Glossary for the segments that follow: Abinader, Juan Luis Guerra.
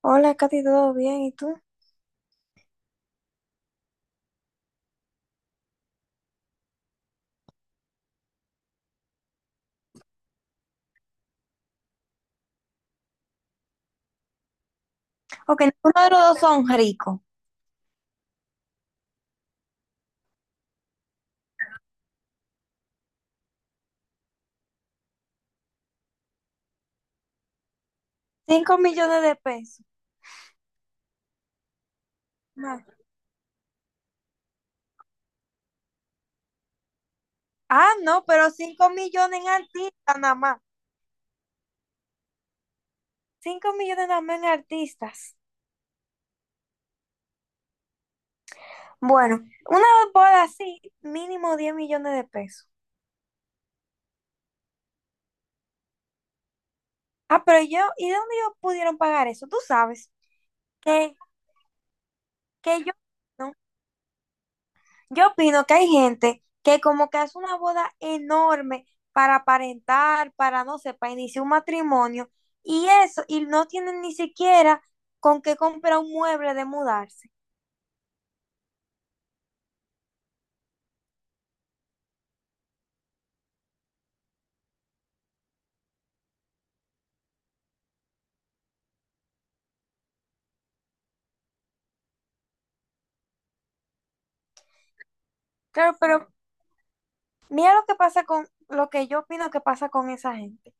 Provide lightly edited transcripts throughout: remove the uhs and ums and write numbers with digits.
Hola, Katy, ¿todo bien? ¿Y tú? Ok, ninguno de los dos son ricos. 5 millones de pesos. No. Ah, no, pero 5 millones en artistas nada más. Cinco millones nada más en artistas. Bueno, una boda así, mínimo 10 millones de pesos. Ah, pero yo, ¿y de dónde ellos pudieron pagar eso? Tú sabes que, que yo, ¿no? Yo opino que hay gente que como que hace una boda enorme para aparentar, para no sé, para iniciar un matrimonio y eso, y no tienen ni siquiera con qué comprar un mueble de mudarse. Claro, pero mira lo que yo opino que pasa con esa gente,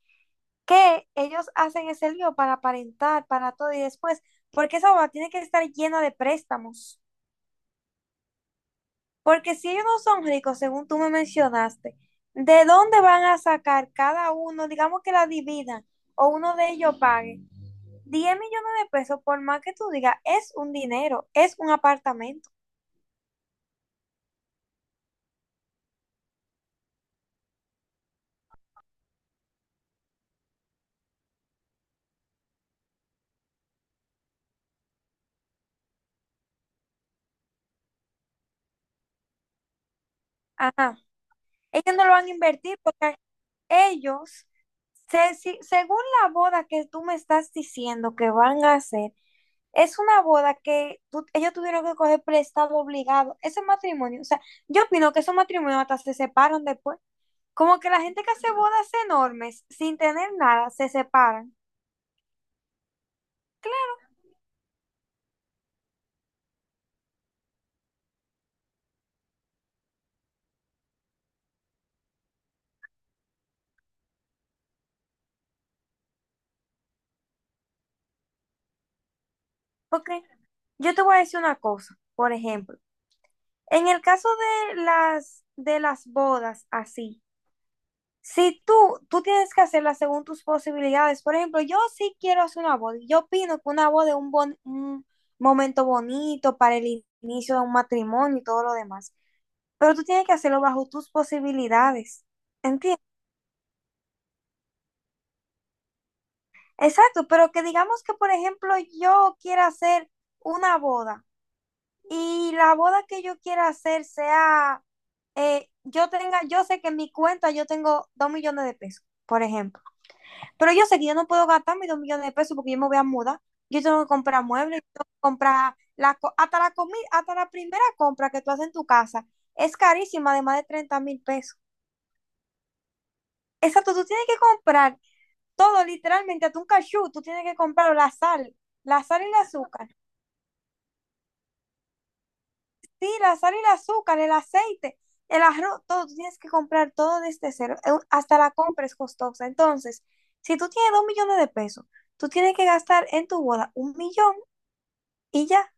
que ellos hacen ese lío para aparentar, para todo y después, porque esa boda tiene que estar llena de préstamos. Porque si ellos no son ricos, según tú me mencionaste, ¿de dónde van a sacar cada uno, digamos que la dividan o uno de ellos pague 10 millones de pesos, por más que tú digas, es un dinero, es un apartamento. Ajá. Ellos no lo van a invertir porque ellos, según la boda que tú me estás diciendo que van a hacer, es una boda que ellos tuvieron que coger prestado obligado. Ese matrimonio, o sea, yo opino que esos matrimonios hasta se separan después. Como que la gente que hace bodas enormes sin tener nada se separan. Claro, porque yo te voy a decir una cosa, por ejemplo, en el caso de las bodas así, si tú tienes que hacerlas según tus posibilidades, por ejemplo, yo sí quiero hacer una boda, y yo opino que una boda es un momento bonito para el inicio de un matrimonio y todo lo demás, pero tú tienes que hacerlo bajo tus posibilidades, ¿entiendes? Exacto, pero que digamos que, por ejemplo, yo quiera hacer una boda y la boda que yo quiera hacer sea, yo sé que en mi cuenta yo tengo 2 millones de pesos, por ejemplo, pero yo sé que yo no puedo gastar mis 2 millones de pesos porque yo me voy a mudar, yo tengo que comprar muebles, yo tengo que comprar hasta la comida, hasta la primera compra que tú haces en tu casa es carísima de más de 30,000 pesos. Exacto, tú tienes que comprar todo, literalmente, hasta un cachú, tú tienes que comprar la sal y el azúcar. Sí, la sal y el azúcar, el aceite, el arroz, todo, tú tienes que comprar todo desde cero, hasta la compra es costosa. Entonces, si tú tienes 2 millones de pesos, tú tienes que gastar en tu boda 1 millón y ya,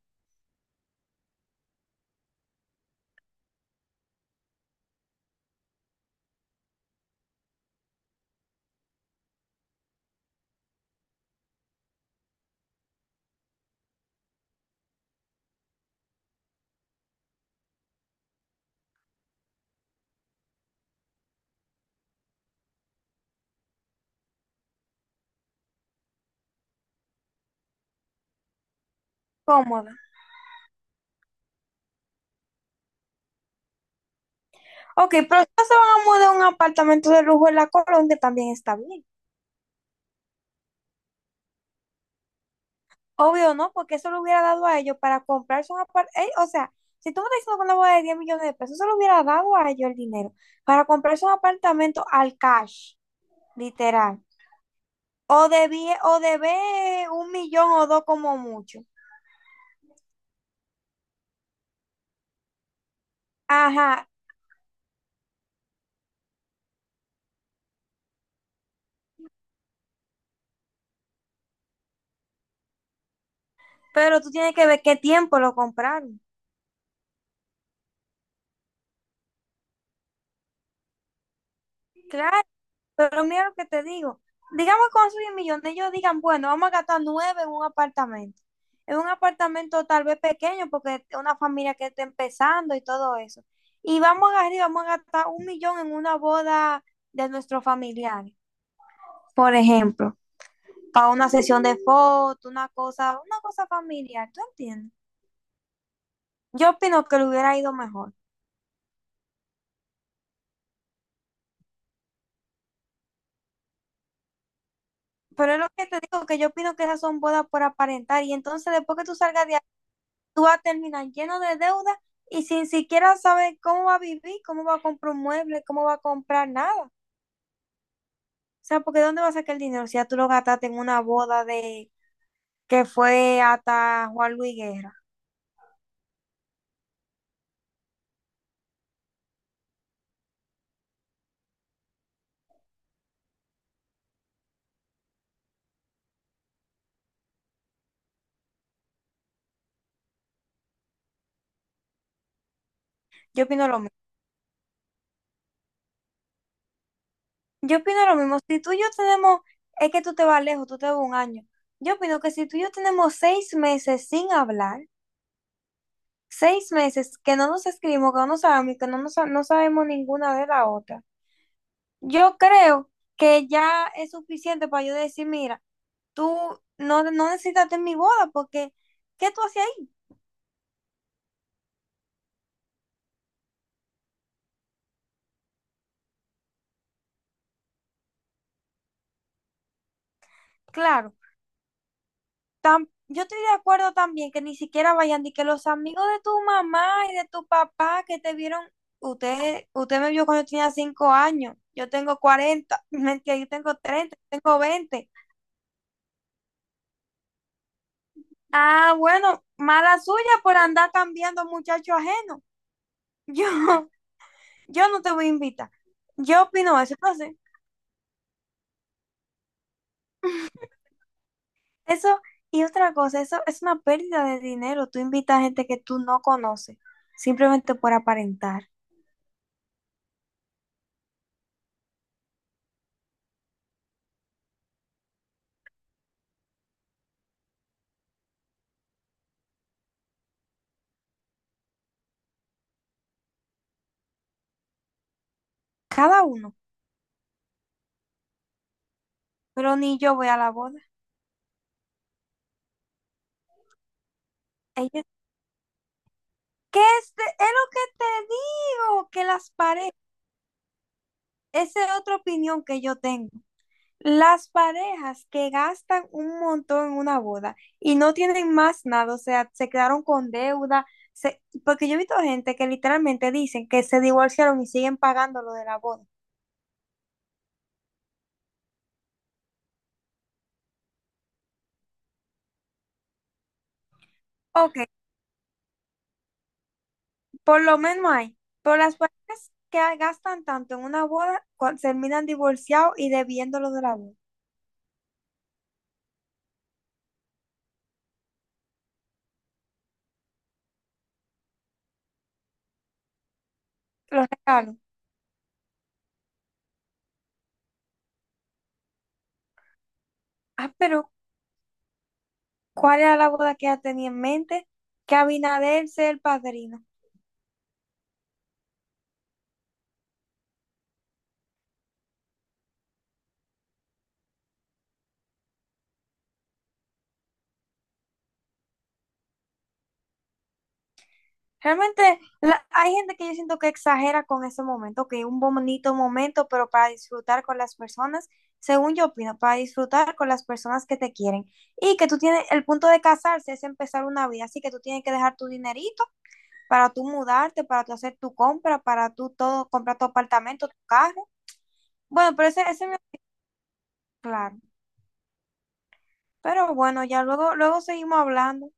cómoda. Ok, pero si no se van a mudar a un apartamento de lujo en la Colón, también está bien. Obvio, ¿no? Porque eso lo hubiera dado a ellos para comprarse un apartamento. O sea, si tú me estás diciendo que una boda de 10 millones de pesos, eso lo hubiera dado a ellos el dinero para comprarse un apartamento al cash, literal. O debí, o debé 1 millón o dos como mucho. Ajá, pero tú tienes que ver qué tiempo lo compraron. Claro, pero mira lo que te digo. Digamos que con esos 10 millones ellos digan, bueno, vamos a gastar nueve en un apartamento. En un apartamento tal vez pequeño porque es una familia que está empezando y todo eso. Y vamos a gastar 1 millón en una boda de nuestros familiares, por ejemplo, para una sesión de fotos, una cosa familiar, ¿tú entiendes? Yo opino que le hubiera ido mejor. Pero es lo que te digo, que yo opino que esas son bodas por aparentar. Y entonces después que tú salgas de ahí, tú vas a terminar lleno de deuda y sin siquiera saber cómo va a vivir, cómo va a comprar un mueble, cómo va a comprar nada. O sea, porque ¿dónde vas a sacar el dinero si ya tú lo gastaste en una boda de que fue hasta Juan Luis Guerra. Yo opino lo mismo. Yo opino lo mismo. Si tú y yo tenemos, es que tú te vas lejos, tú te vas un año. Yo opino que si tú y yo tenemos 6 meses sin hablar, 6 meses que no nos escribimos, que no nos sabemos, y que no sabemos ninguna de la otra. Yo creo que ya es suficiente para yo decir, mira, tú no necesitaste mi boda porque, ¿qué tú hacías ahí? Claro, yo estoy de acuerdo también que ni siquiera vayan ni que los amigos de tu mamá y de tu papá que te vieron, usted me vio cuando yo tenía 5 años, yo tengo 40 mentira, yo tengo 30 yo tengo 20. Ah, bueno, mala suya por andar cambiando muchacho ajeno. Yo, yo no te voy a invitar. Yo opino eso, no sé. Eso, y otra cosa, eso es una pérdida de dinero. Tú invitas a gente que tú no conoces, simplemente por aparentar. Cada uno. Pero ni yo voy a la boda. Ella, ¿ es lo que te digo? Que las parejas, esa es otra opinión que yo tengo. Las parejas que gastan un montón en una boda y no tienen más nada, o sea, se quedaron con deuda, porque yo he visto gente que literalmente dicen que se divorciaron y siguen pagando lo de la boda. Ok, por lo menos hay, pero las parejas que gastan tanto en una boda terminan divorciados y debiendo lo de la boda, los regalos. Ah, pero ¿cuál era la boda que ella tenía en mente? Que Abinader sea el padrino. Realmente hay gente que yo siento que exagera con ese momento, que un bonito momento, pero para disfrutar con las personas, según yo opino, para disfrutar con las personas que te quieren. Y que tú tienes, el punto de casarse es empezar una vida, así que tú tienes que dejar tu dinerito para tú mudarte, para tú hacer tu compra, para tú todo, comprar tu apartamento, tu carro. Bueno, pero ese me... Claro, pero bueno, ya luego, luego seguimos hablando.